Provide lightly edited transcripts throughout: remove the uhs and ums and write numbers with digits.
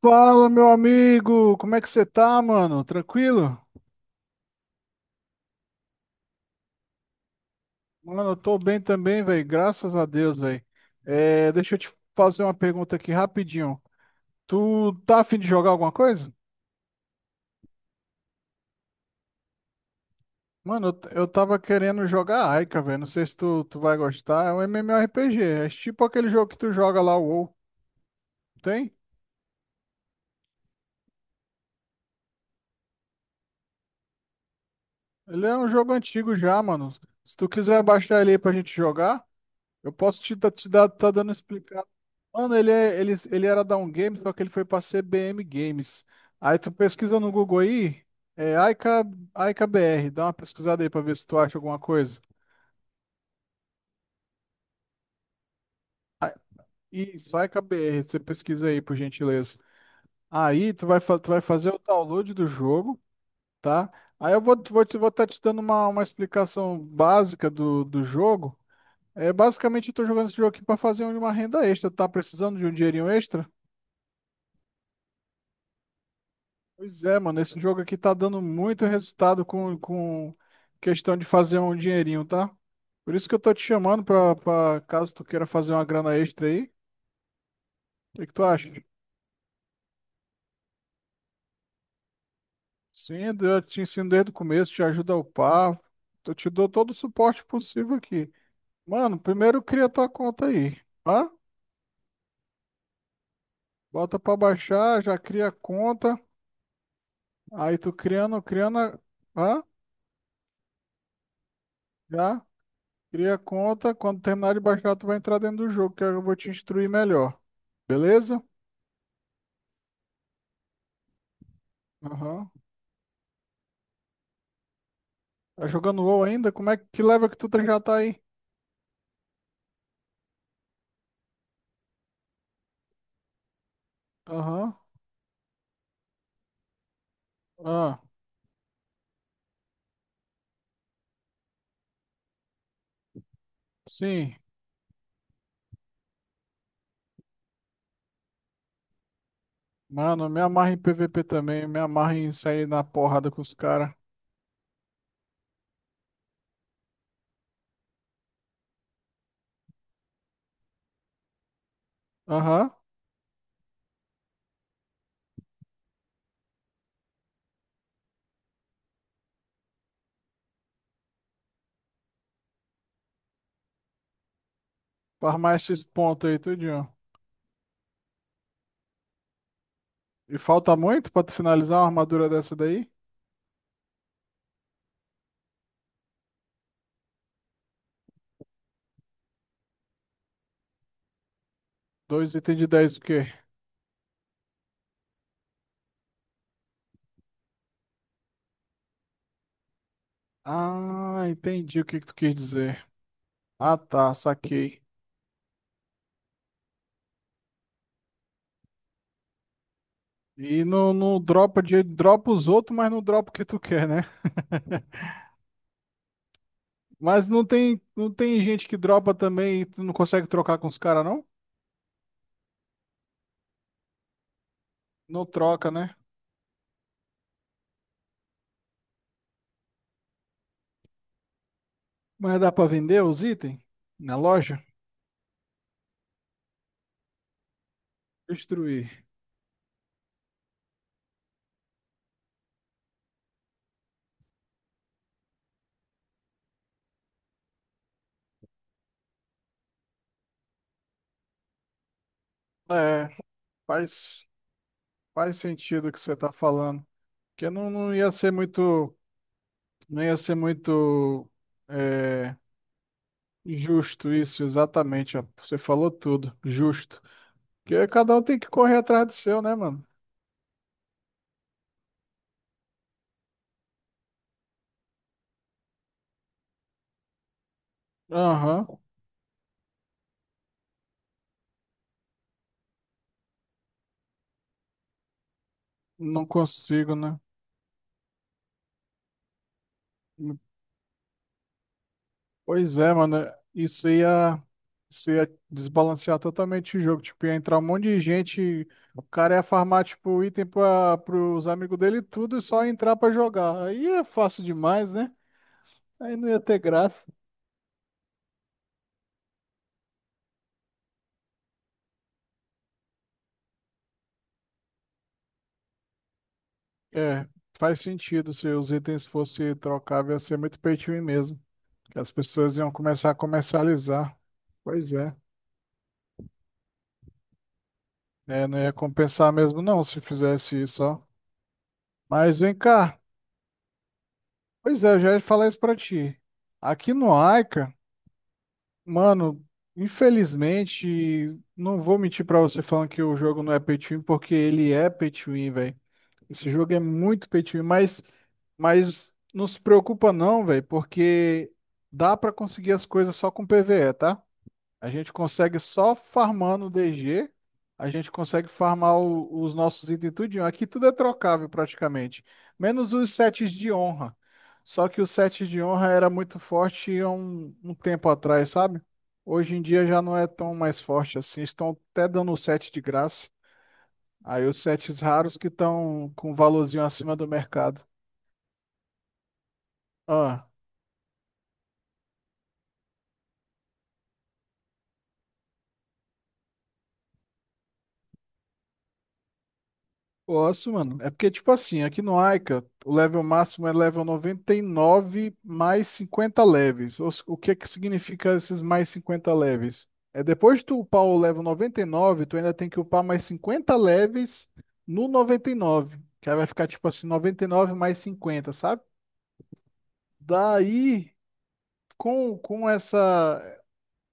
Fala, meu amigo! Como é que você tá, mano? Tranquilo? Mano, eu tô bem também, velho. Graças a Deus, velho. É, deixa eu te fazer uma pergunta aqui rapidinho. Tu tá afim de jogar alguma coisa? Mano, eu tava querendo jogar Aika, velho. Não sei se tu vai gostar. É um MMORPG. É tipo aquele jogo que tu joga lá, o WoW. Tem? Ele é um jogo antigo já, mano. Se tu quiser baixar ele aí pra gente jogar. Eu posso te dar, tá dando explicado. Mano, ele era da um game, só que ele foi pra CBM Games. Aí tu pesquisa no Google aí, é Aika, Aika BR, dá uma pesquisada aí pra ver se tu acha alguma coisa. Ah, isso, Aika BR, você pesquisa aí, por gentileza. Aí tu tu vai fazer o download do jogo, tá? Aí eu vou estar te dando uma explicação básica do jogo. É, basicamente, eu tô jogando esse jogo aqui pra fazer uma renda extra. Tá precisando de um dinheirinho extra? Pois é, mano, esse jogo aqui tá dando muito resultado com questão de fazer um dinheirinho, tá? Por isso que eu tô te chamando pra caso tu queira fazer uma grana extra aí. O que que tu acha? Sim, eu te ensino desde o começo, te ajudo a upar, eu te dou todo o suporte possível aqui. Mano, primeiro cria tua conta aí, tá? Bota pra baixar, já cria a conta, aí tu criando, hã? Já? Cria a conta, quando terminar de baixar, tu vai entrar dentro do jogo, que eu vou te instruir melhor. Beleza? Aham. Tá jogando WoW ainda? Como é que level que tu já tá aí? Aham. Ah, sim. Mano, eu me amarra em PVP também, eu me amarra em sair na porrada com os caras. Aham. Farmar esses pontos aí, tudinho. E falta muito pra tu finalizar uma armadura dessa daí? Dois itens de 10 o quê? Ah, entendi o que que tu quis dizer. Ah, tá, saquei. E não dropa os outros, mas não dropa o que tu quer, né? Mas não tem gente que dropa também e tu não consegue trocar com os caras, não? Não troca, né? Mas dá pra vender os itens na loja? Destruir. É, faz, faz sentido o que você tá falando. Porque não ia ser muito, não ia ser muito é, justo isso, exatamente. Ó. Você falou tudo, justo. Porque cada um tem que correr atrás do seu, né, mano? Aham. Não consigo, né? Pois é, mano. Isso ia desbalancear totalmente o jogo. Tipo, ia entrar um monte de gente. O cara ia farmar, tipo, item para os amigos dele e tudo e só ia entrar pra jogar. Aí é fácil demais, né? Aí não ia ter graça. É, faz sentido. Se os itens fossem trocáveis, ia ser muito pay to win mesmo. Que as pessoas iam começar a comercializar. Pois é. É, não ia compensar mesmo, não, se fizesse isso, ó. Mas vem cá. Pois é, eu já ia falar isso pra ti. Aqui no Aika, mano, infelizmente, não vou mentir pra você falando que o jogo não é pay to win, porque ele é pay to win, velho. Esse jogo é muito pay to win, mas não se preocupa não, velho, porque dá pra conseguir as coisas só com PvE, tá? A gente consegue só farmando DG, a gente consegue farmar os nossos itens tudinho. Aqui tudo é trocável praticamente, menos os sets de honra. Só que o set de honra era muito forte há um tempo atrás, sabe? Hoje em dia já não é tão mais forte assim. Estão até dando o set de graça. Aí os sets raros que estão com um valorzinho acima do mercado. Ah. Posso, mano. É porque, tipo assim, aqui no Aika, o level máximo é level 99 mais 50 leves. Ou se- O que é que significa esses mais 50 leves? É depois de tu upar o level 99, tu ainda tem que upar mais 50 leves no 99. Que aí vai ficar, tipo assim, 99 mais 50, sabe? Daí, com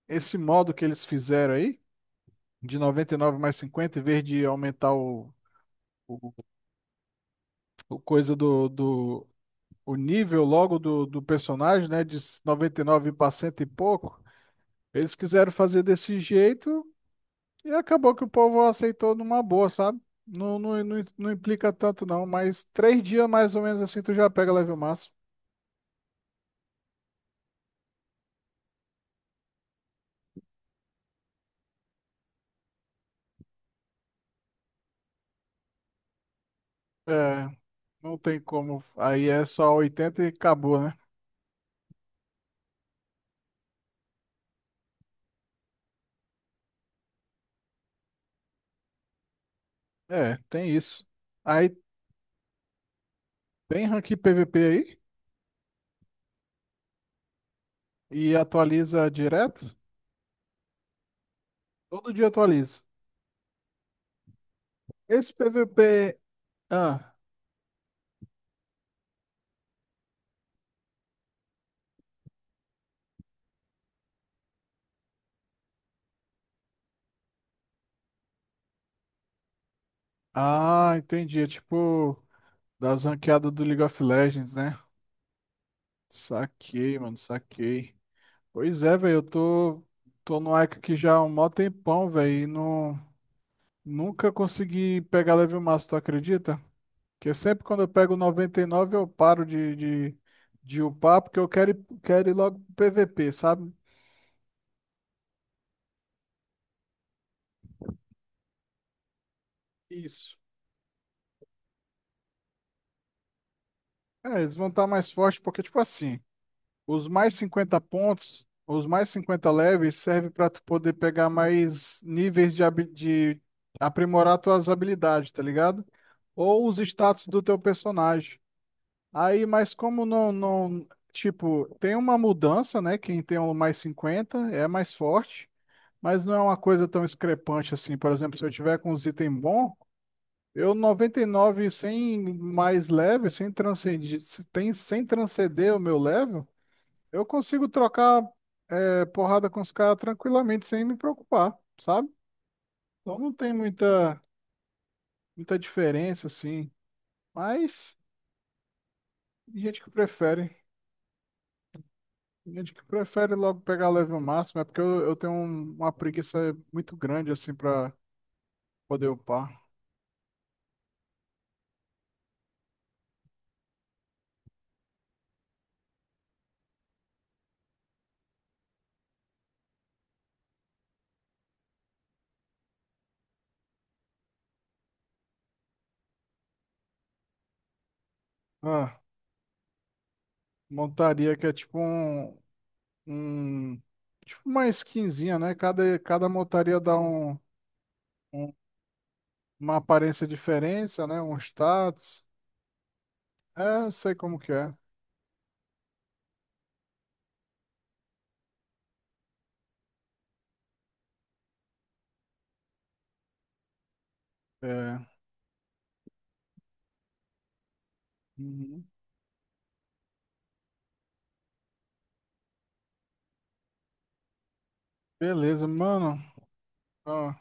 esse modo que eles fizeram aí, de 99 mais 50, em vez de aumentar o o coisa do o nível logo do personagem, né? De 99 para cento e pouco. Eles quiseram fazer desse jeito e acabou que o povo aceitou numa boa, sabe? Não implica tanto, não. Mas 3 dias mais ou menos assim tu já pega level máximo. É, não tem como. Aí é só 80 e acabou, né? É, tem isso. Aí tem rank PVP aí e atualiza direto. Todo dia atualiza. Esse PVP. Ah, ah, entendi. É tipo das ranqueadas do League of Legends, né? Saquei, mano, saquei. Pois é, velho, eu tô no Ica aqui já há um mó tempão, velho, e não, nunca consegui pegar level máximo, tu acredita? Porque sempre quando eu pego 99, eu paro de, de upar, porque eu quero ir logo pro PVP, sabe? Isso. É, eles vão estar mais fortes, porque, tipo assim, os mais 50 pontos, os mais 50 leves, serve para tu poder pegar mais níveis de aprimorar tuas habilidades, tá ligado? Ou os status do teu personagem. Aí, mas como não, tipo, tem uma mudança, né? Quem tem o mais 50 é mais forte, mas não é uma coisa tão discrepante assim. Por exemplo, se eu tiver com os itens bons, eu 99 sem mais level, sem transcender, sem transcender o meu level. Eu consigo trocar porrada com os caras tranquilamente, sem me preocupar, sabe? Então não tem muita diferença, assim. Mas tem gente que prefere. Tem gente que prefere logo pegar level máximo, é porque eu tenho uma preguiça muito grande, assim, pra poder upar. Ah, montaria que é tipo um- tipo uma skinzinha, né? Cada montaria dá um- uma aparência diferente, né? Um status. É, eu sei como que é. É. Uhum. Beleza, mano. Ó,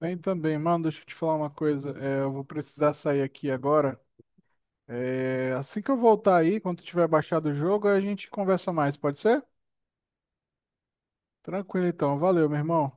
bem também, mano. Deixa eu te falar uma coisa. É, eu vou precisar sair aqui agora. É, assim que eu voltar aí, quando tiver baixado o jogo, a gente conversa mais, pode ser? Tranquilo então. Valeu, meu irmão.